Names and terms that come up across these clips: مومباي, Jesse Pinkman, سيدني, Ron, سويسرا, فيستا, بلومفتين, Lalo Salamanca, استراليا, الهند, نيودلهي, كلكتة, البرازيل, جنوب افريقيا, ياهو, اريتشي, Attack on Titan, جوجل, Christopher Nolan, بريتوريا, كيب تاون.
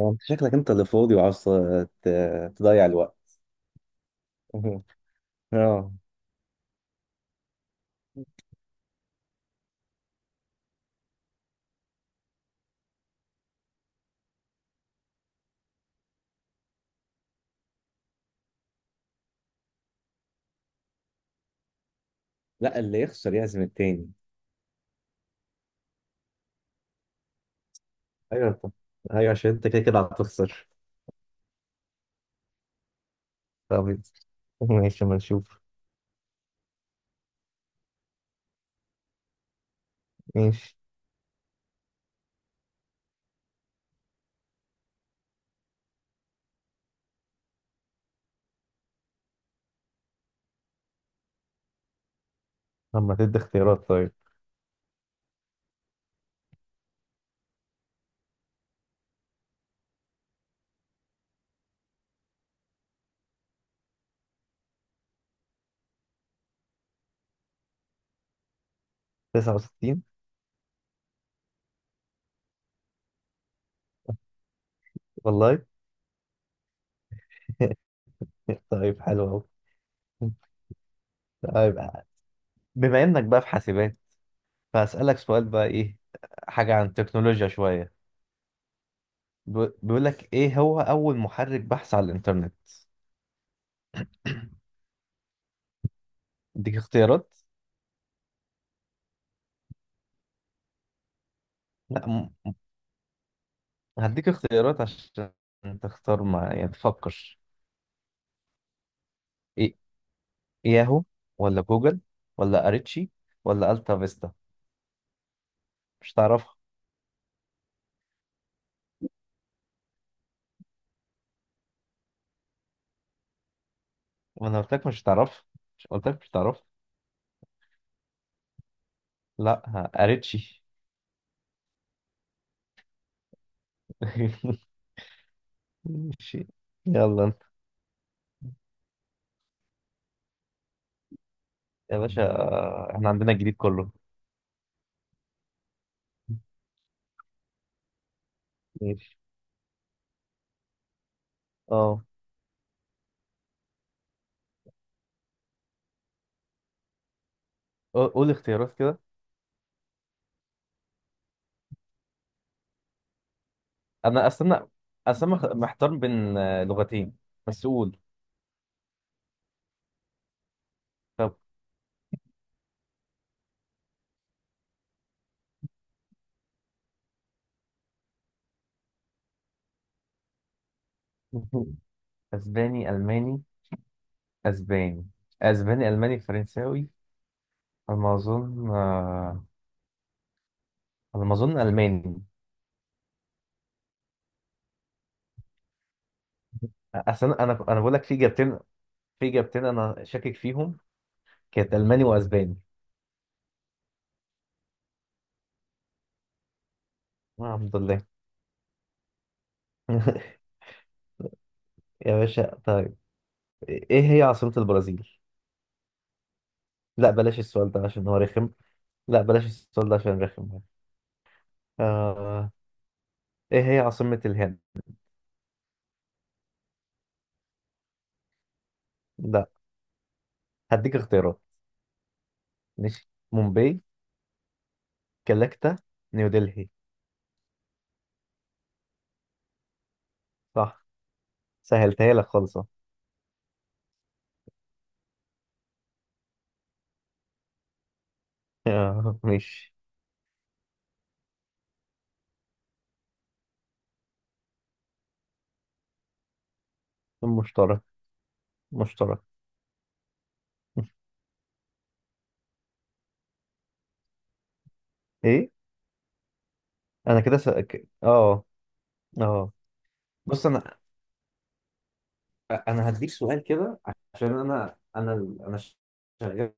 هو انت شكلك انت اللي فاضي وعاوز تضيع الوقت. مهم. اه. لا، اللي يخسر يعزم التاني. ايوه انت ايوه، عشان انت كده كده هتخسر. طب ماشي اما نشوف. ماشي. اما تدي اختيارات طيب. 69. والله. طيب حلو قوي. طيب بما انك بقى في حاسبات فهسألك سؤال بقى ايه، حاجة عن التكنولوجيا شوية. بيقول لك ايه هو اول محرك بحث على الانترنت. اديك اختيارات. لا، هديك اختيارات عشان تختار، ما يعني تفكر. إيه، ياهو ولا جوجل ولا اريتشي ولا التا فيستا؟ مش تعرفها. وانا قلت لك مش تعرفها. مش قلت لك مش تعرفها؟ لا ها، اريتشي. ماشي. يلا انت يا باشا. احنا عندنا الجديد كله. ماشي. اه. قول قول اختيارات كده. انا استنى، استنى محتار بين لغتين، بس قول. طب. اسباني الماني. اسباني. اسباني الماني فرنساوي. على ما اظن على ما اظن الماني. اصل انا انا أنا بقول لك في اجابتين، في اجابتين انا شاكك فيهم، كانت الماني واسباني. الحمد لله. يا باشا طيب. ايه هي عاصمة البرازيل؟ لا بلاش السؤال ده عشان هو رخم. لا بلاش السؤال ده عشان رخم. آه... ايه هي عاصمة الهند؟ لا، هديك اختيارات. ماشي، مومباي، كلكتة، نيودلهي. صح. سهلتها لك خالص أهو. ماشي. مشترك، مشترك. ايه؟ انا كده اه. اه. بص، انا هديك سؤال كده، عشان انا شغال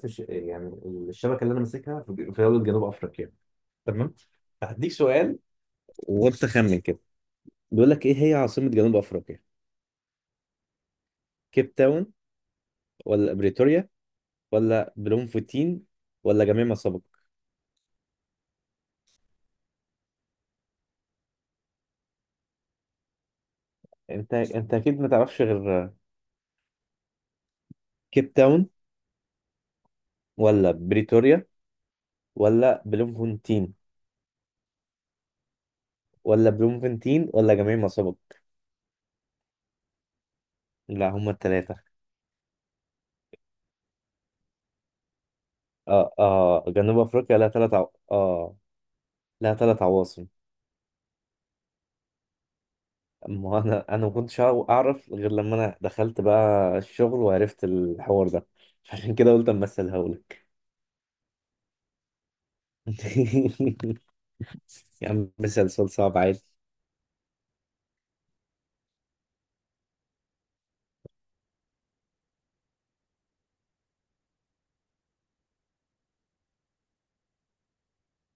يعني الشبكه اللي انا ماسكها في دوله جنوب افريقيا، تمام؟ هديك سؤال وانت خمن كده. بيقول لك ايه هي عاصمه جنوب افريقيا؟ كيب تاون ولا بريتوريا ولا بلومفتين ولا جميع ما سبق؟ انت اكيد ما تعرفش غير كيب تاون. ولا بريتوريا، ولا بلومفونتين ولا بلومفونتين، ولا جميع ما سبق؟ لا هما الثلاثه. اه اه، جنوب افريقيا لها ثلاث عو... اه لها ثلاث عواصم. اما انا ما كنتش اعرف غير لما انا دخلت بقى الشغل وعرفت الحوار ده، عشان كده قلت اما اسالها لك. يا عم مثال، سؤال صعب عادي.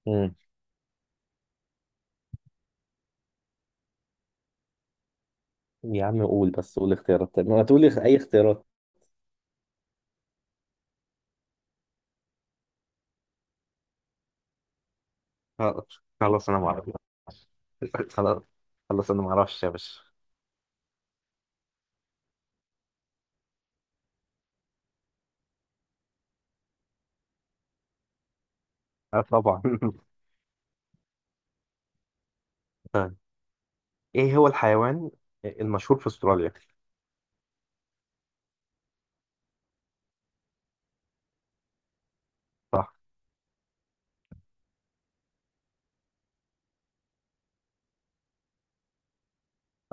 مم. يا عم قول بس، قول اختيارات طيب، ما تقولي اي اختيارات. خلاص خلاص انا ما اعرف. خلاص خلاص انا ما اعرفش يا باشا. اه طبعا. طيب ايه هو الحيوان المشهور في استراليا؟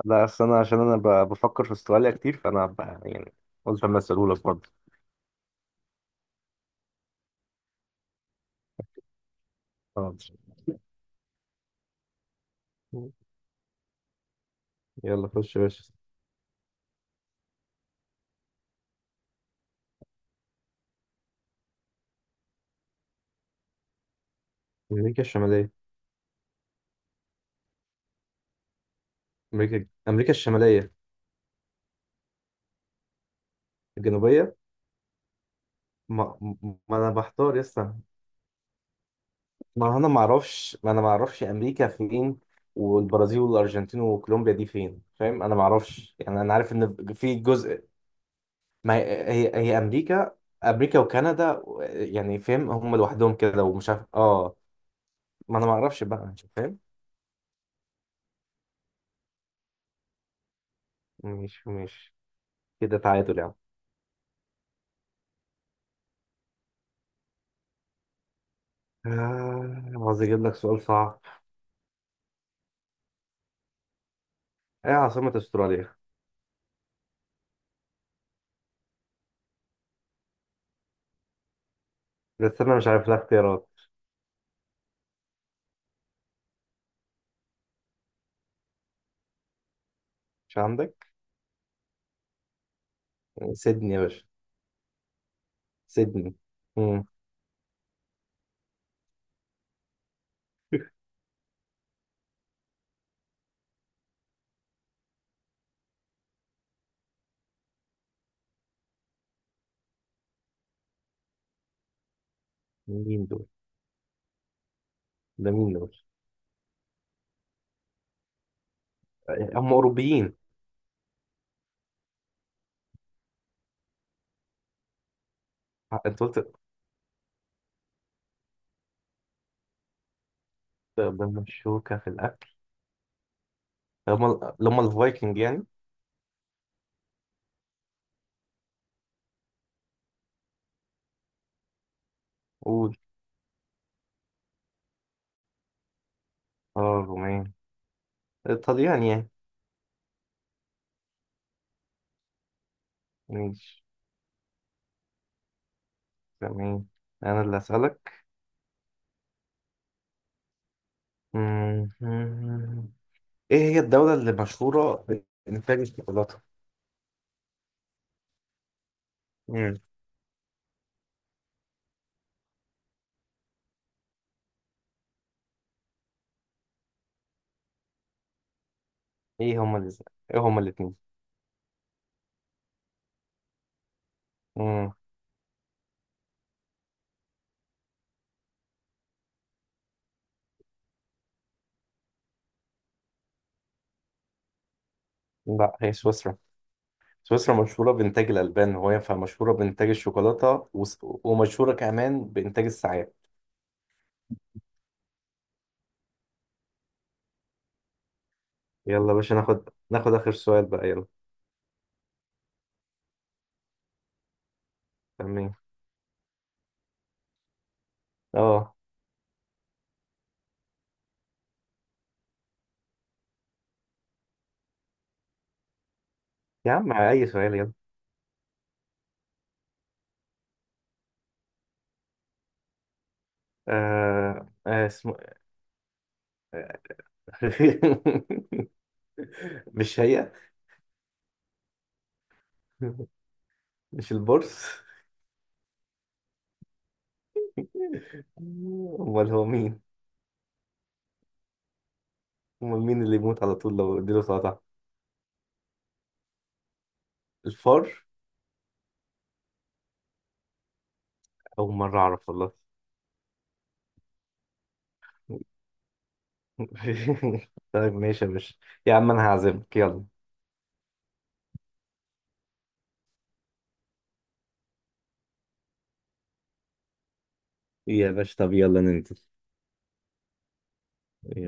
لا أصل أنا عشان أنا بفكر في استراليا كتير، يعني قلت أما أسألهولك برضه. اه. يلا خش يا باشا. امريكا الشماليه. امريكا الشماليه. الجنوبيه. ما, ما انا بحتار لسه. ما انا ما اعرفش امريكا فين، والبرازيل والارجنتين وكولومبيا دي فين، فاهم؟ انا ما اعرفش يعني. انا عارف ان في جزء، ما هي امريكا، امريكا وكندا يعني، فاهم؟ هم لوحدهم كده ومش عارف، اه. ما انا ما اعرفش بقى، فاهم؟ ماشي ماشي، كده تعادل يعني. عاوز اجيب لك سؤال صعب. ايه عاصمة استراليا؟ بس انا مش عارف لها اختيارات. مش عندك. سيدني يا باشا. سيدني. مم. مين دول ده مين دول؟ هم اوروبيين. انت قلت ده مشوكة في الاكل. هم اللي هم الفايكنج يعني. قول. اه، رومان. الطليان يعني. ماشي. تمام، انا اللي اسالك. مم. ايه هي الدولة اللي مشهورة بانتاج الشوكولاتة؟ مم. ايه هما اللي ايه هما الاتنين؟ لا هي سويسرا. سويسرا مشهورة بإنتاج الألبان، وهي فمشهورة بإنتاج الشوكولاتة، ومشهورة كمان بإنتاج الساعات. يلا يا باشا ناخد آخر سؤال بقى، يلا. تمام. اه. يا عم أي سؤال يلا. اسمه. مش هي؟ مش البورس؟ أمال هو مين؟ أمال مين اللي يموت على طول لو اديله سلطة؟ الفار؟ أول مرة أعرف والله. طيب ماشي يا باشا. يا عم أنا هعزمك يلا. يا باشا، طب يلا ننزل. يلا.